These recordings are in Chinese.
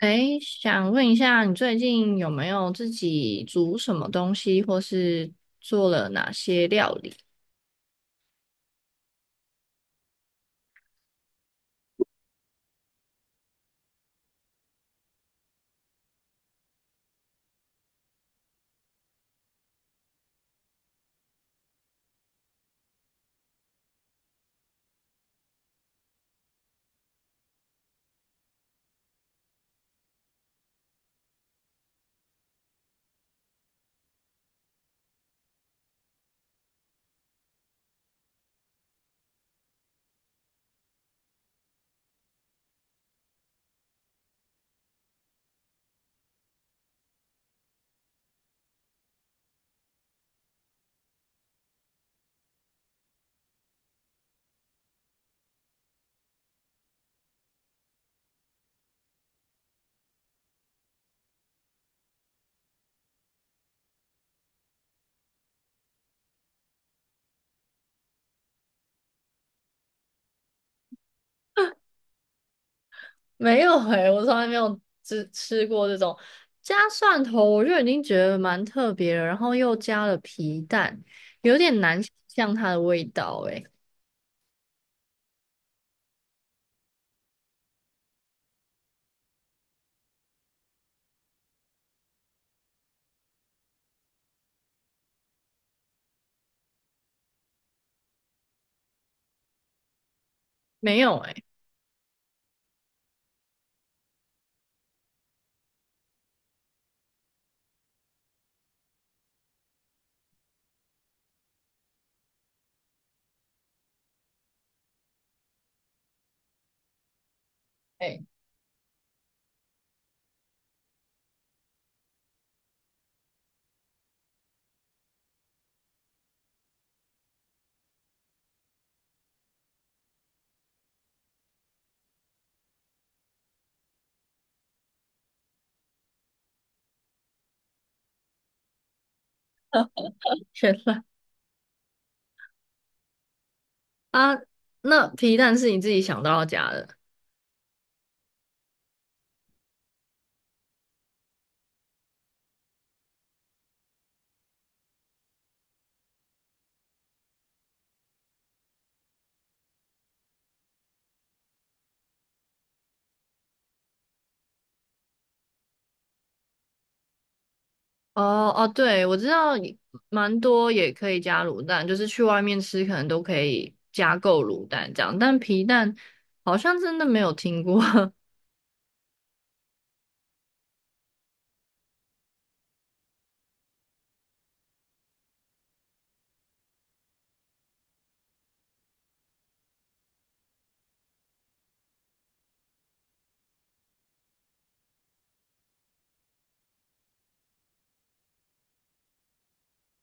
诶，想问一下，你最近有没有自己煮什么东西，或是做了哪些料理？没有诶、我从来没有吃过这种加蒜头，我就已经觉得蛮特别了，然后又加了皮蛋，有点难想象它的味道诶、没有诶，诶、原来 啊，那皮蛋是你自己想到要加的？哦哦，对，我知道也蛮多也可以加卤蛋，就是去外面吃可能都可以加购卤蛋这样，但皮蛋好像真的没有听过。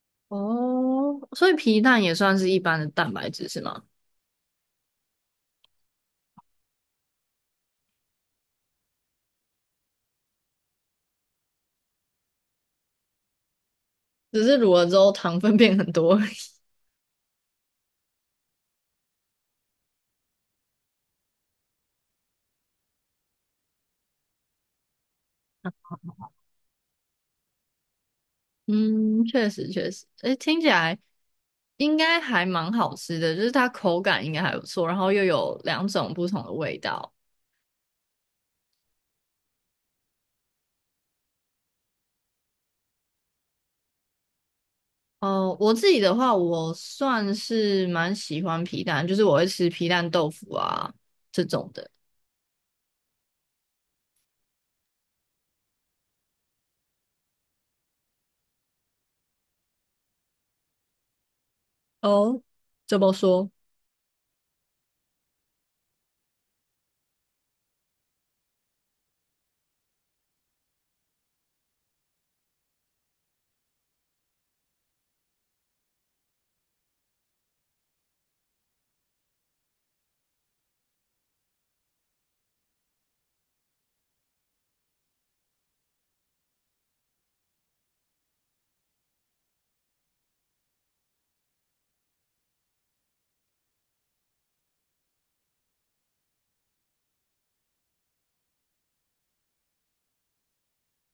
哦，所以皮蛋也算是一般的蛋白质是吗？只是卤了之后糖分变很多而已。嗯，确实确实，诶，听起来应该还蛮好吃的，就是它口感应该还不错，然后又有两种不同的味道。哦，我自己的话，我算是蛮喜欢皮蛋，就是我会吃皮蛋豆腐啊这种的。哦，怎么说？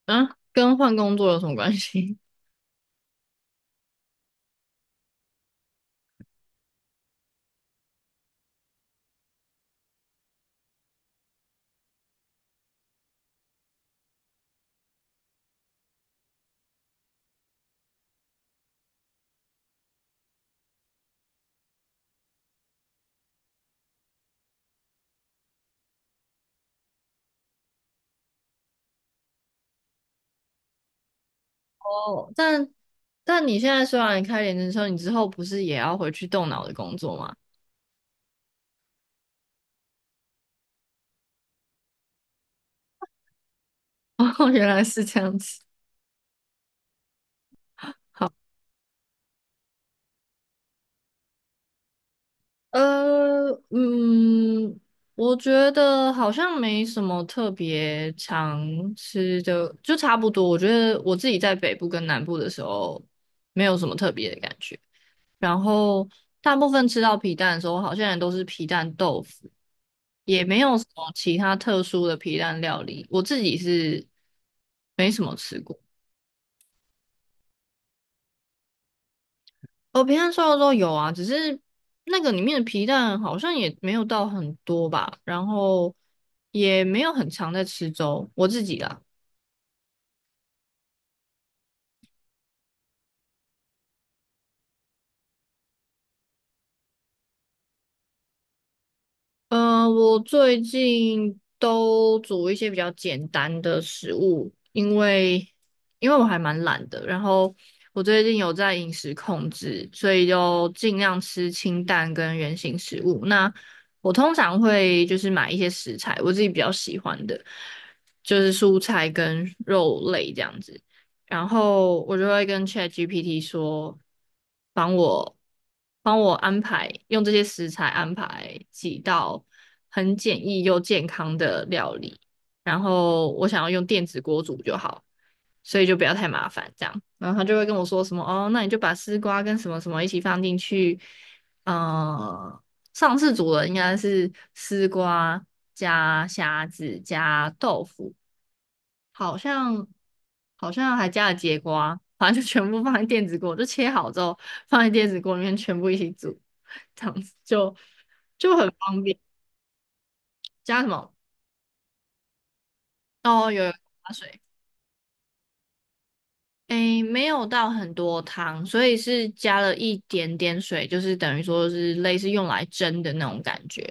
啊，跟换工作有什么关系？哦，但你现在虽然开连职车，你之后不是也要回去动脑的工作吗？哦，原来是这样子。嗯，我觉得好像没什么特别常吃的，就差不多。我觉得我自己在北部跟南部的时候，没有什么特别的感觉。然后大部分吃到皮蛋的时候，好像也都是皮蛋豆腐，也没有什么其他特殊的皮蛋料理。我自己是没什么吃过。哦，皮蛋瘦肉粥有啊，只是那个里面的皮蛋好像也没有到很多吧，然后也没有很常在吃粥，我自己啊。嗯，我最近都煮一些比较简单的食物，因为我还蛮懒的，然后我最近有在饮食控制，所以就尽量吃清淡跟原形食物。那我通常会就是买一些食材，我自己比较喜欢的，就是蔬菜跟肉类这样子。然后我就会跟 ChatGPT 说，帮我帮我安排，用这些食材安排几道很简易又健康的料理。然后我想要用电子锅煮就好，所以就不要太麻烦这样。然后他就会跟我说什么哦，那你就把丝瓜跟什么什么一起放进去。呃，上次煮的应该是丝瓜加虾子加豆腐。好像好像还加了节瓜，反正就全部放在电子锅，就切好之后放在电子锅里面全部一起煮，这样子就很方便。加什么？哦，有加水，诶，没有到很多汤，所以是加了一点点水，就是等于说是类似用来蒸的那种感觉。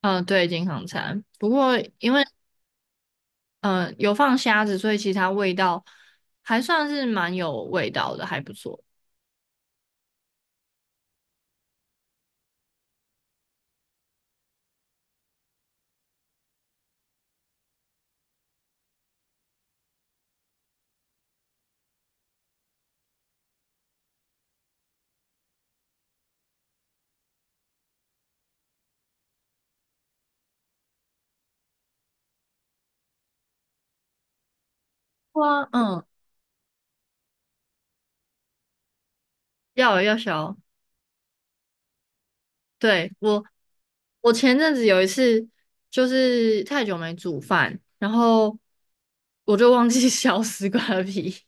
嗯、对，健康餐。不过因为嗯有放虾子，所以其实它味道还算是蛮有味道的，还不错。哇，嗯，要有要小。对，我，我前阵子有一次就是太久没煮饭，然后我就忘记 削丝瓜皮，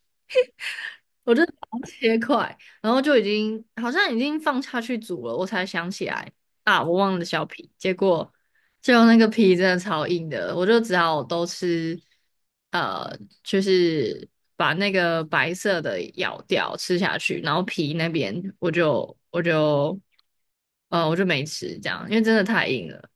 切块，然后就已经好像已经放下去煮了，我才想起来啊，我忘了削皮，结果就那个皮真的超硬的，我就只好都吃，呃，就是把那个白色的咬掉吃下去，然后皮那边我就没吃这样，因为真的太硬了。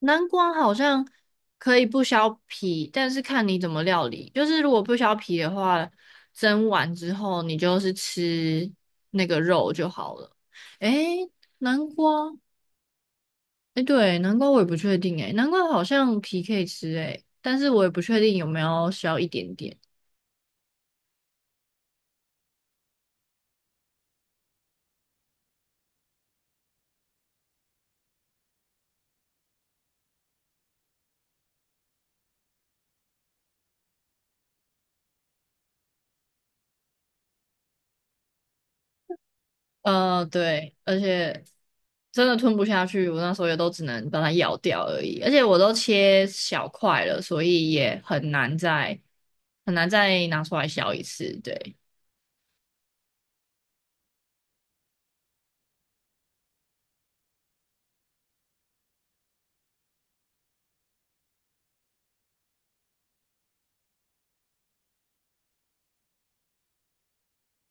南瓜好像可以不削皮，但是看你怎么料理。就是如果不削皮的话，蒸完之后你就是吃那个肉就好了。诶，南瓜，诶，对，南瓜我也不确定诶，南瓜好像皮可以吃诶，但是我也不确定有没有削一点点。对，而且真的吞不下去，我那时候也都只能把它咬掉而已，而且我都切小块了，所以也很难再拿出来削一次。对，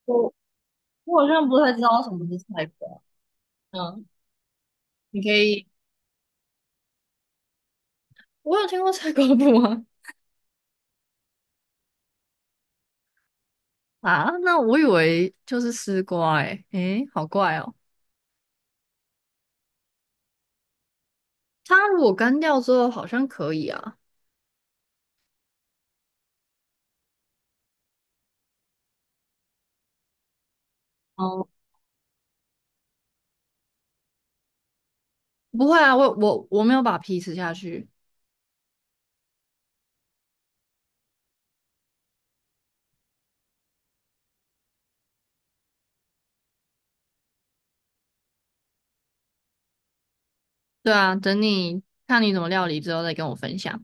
我我好像不太知道什么是菜瓜。嗯，你可以，我有听过菜瓜布吗？啊，那我以为就是丝瓜、欸，诶，诶好怪哦。它如果干掉之后好像可以啊，哦，不会啊，我没有把皮吃下去。对啊，等你看你怎么料理之后再跟我分享。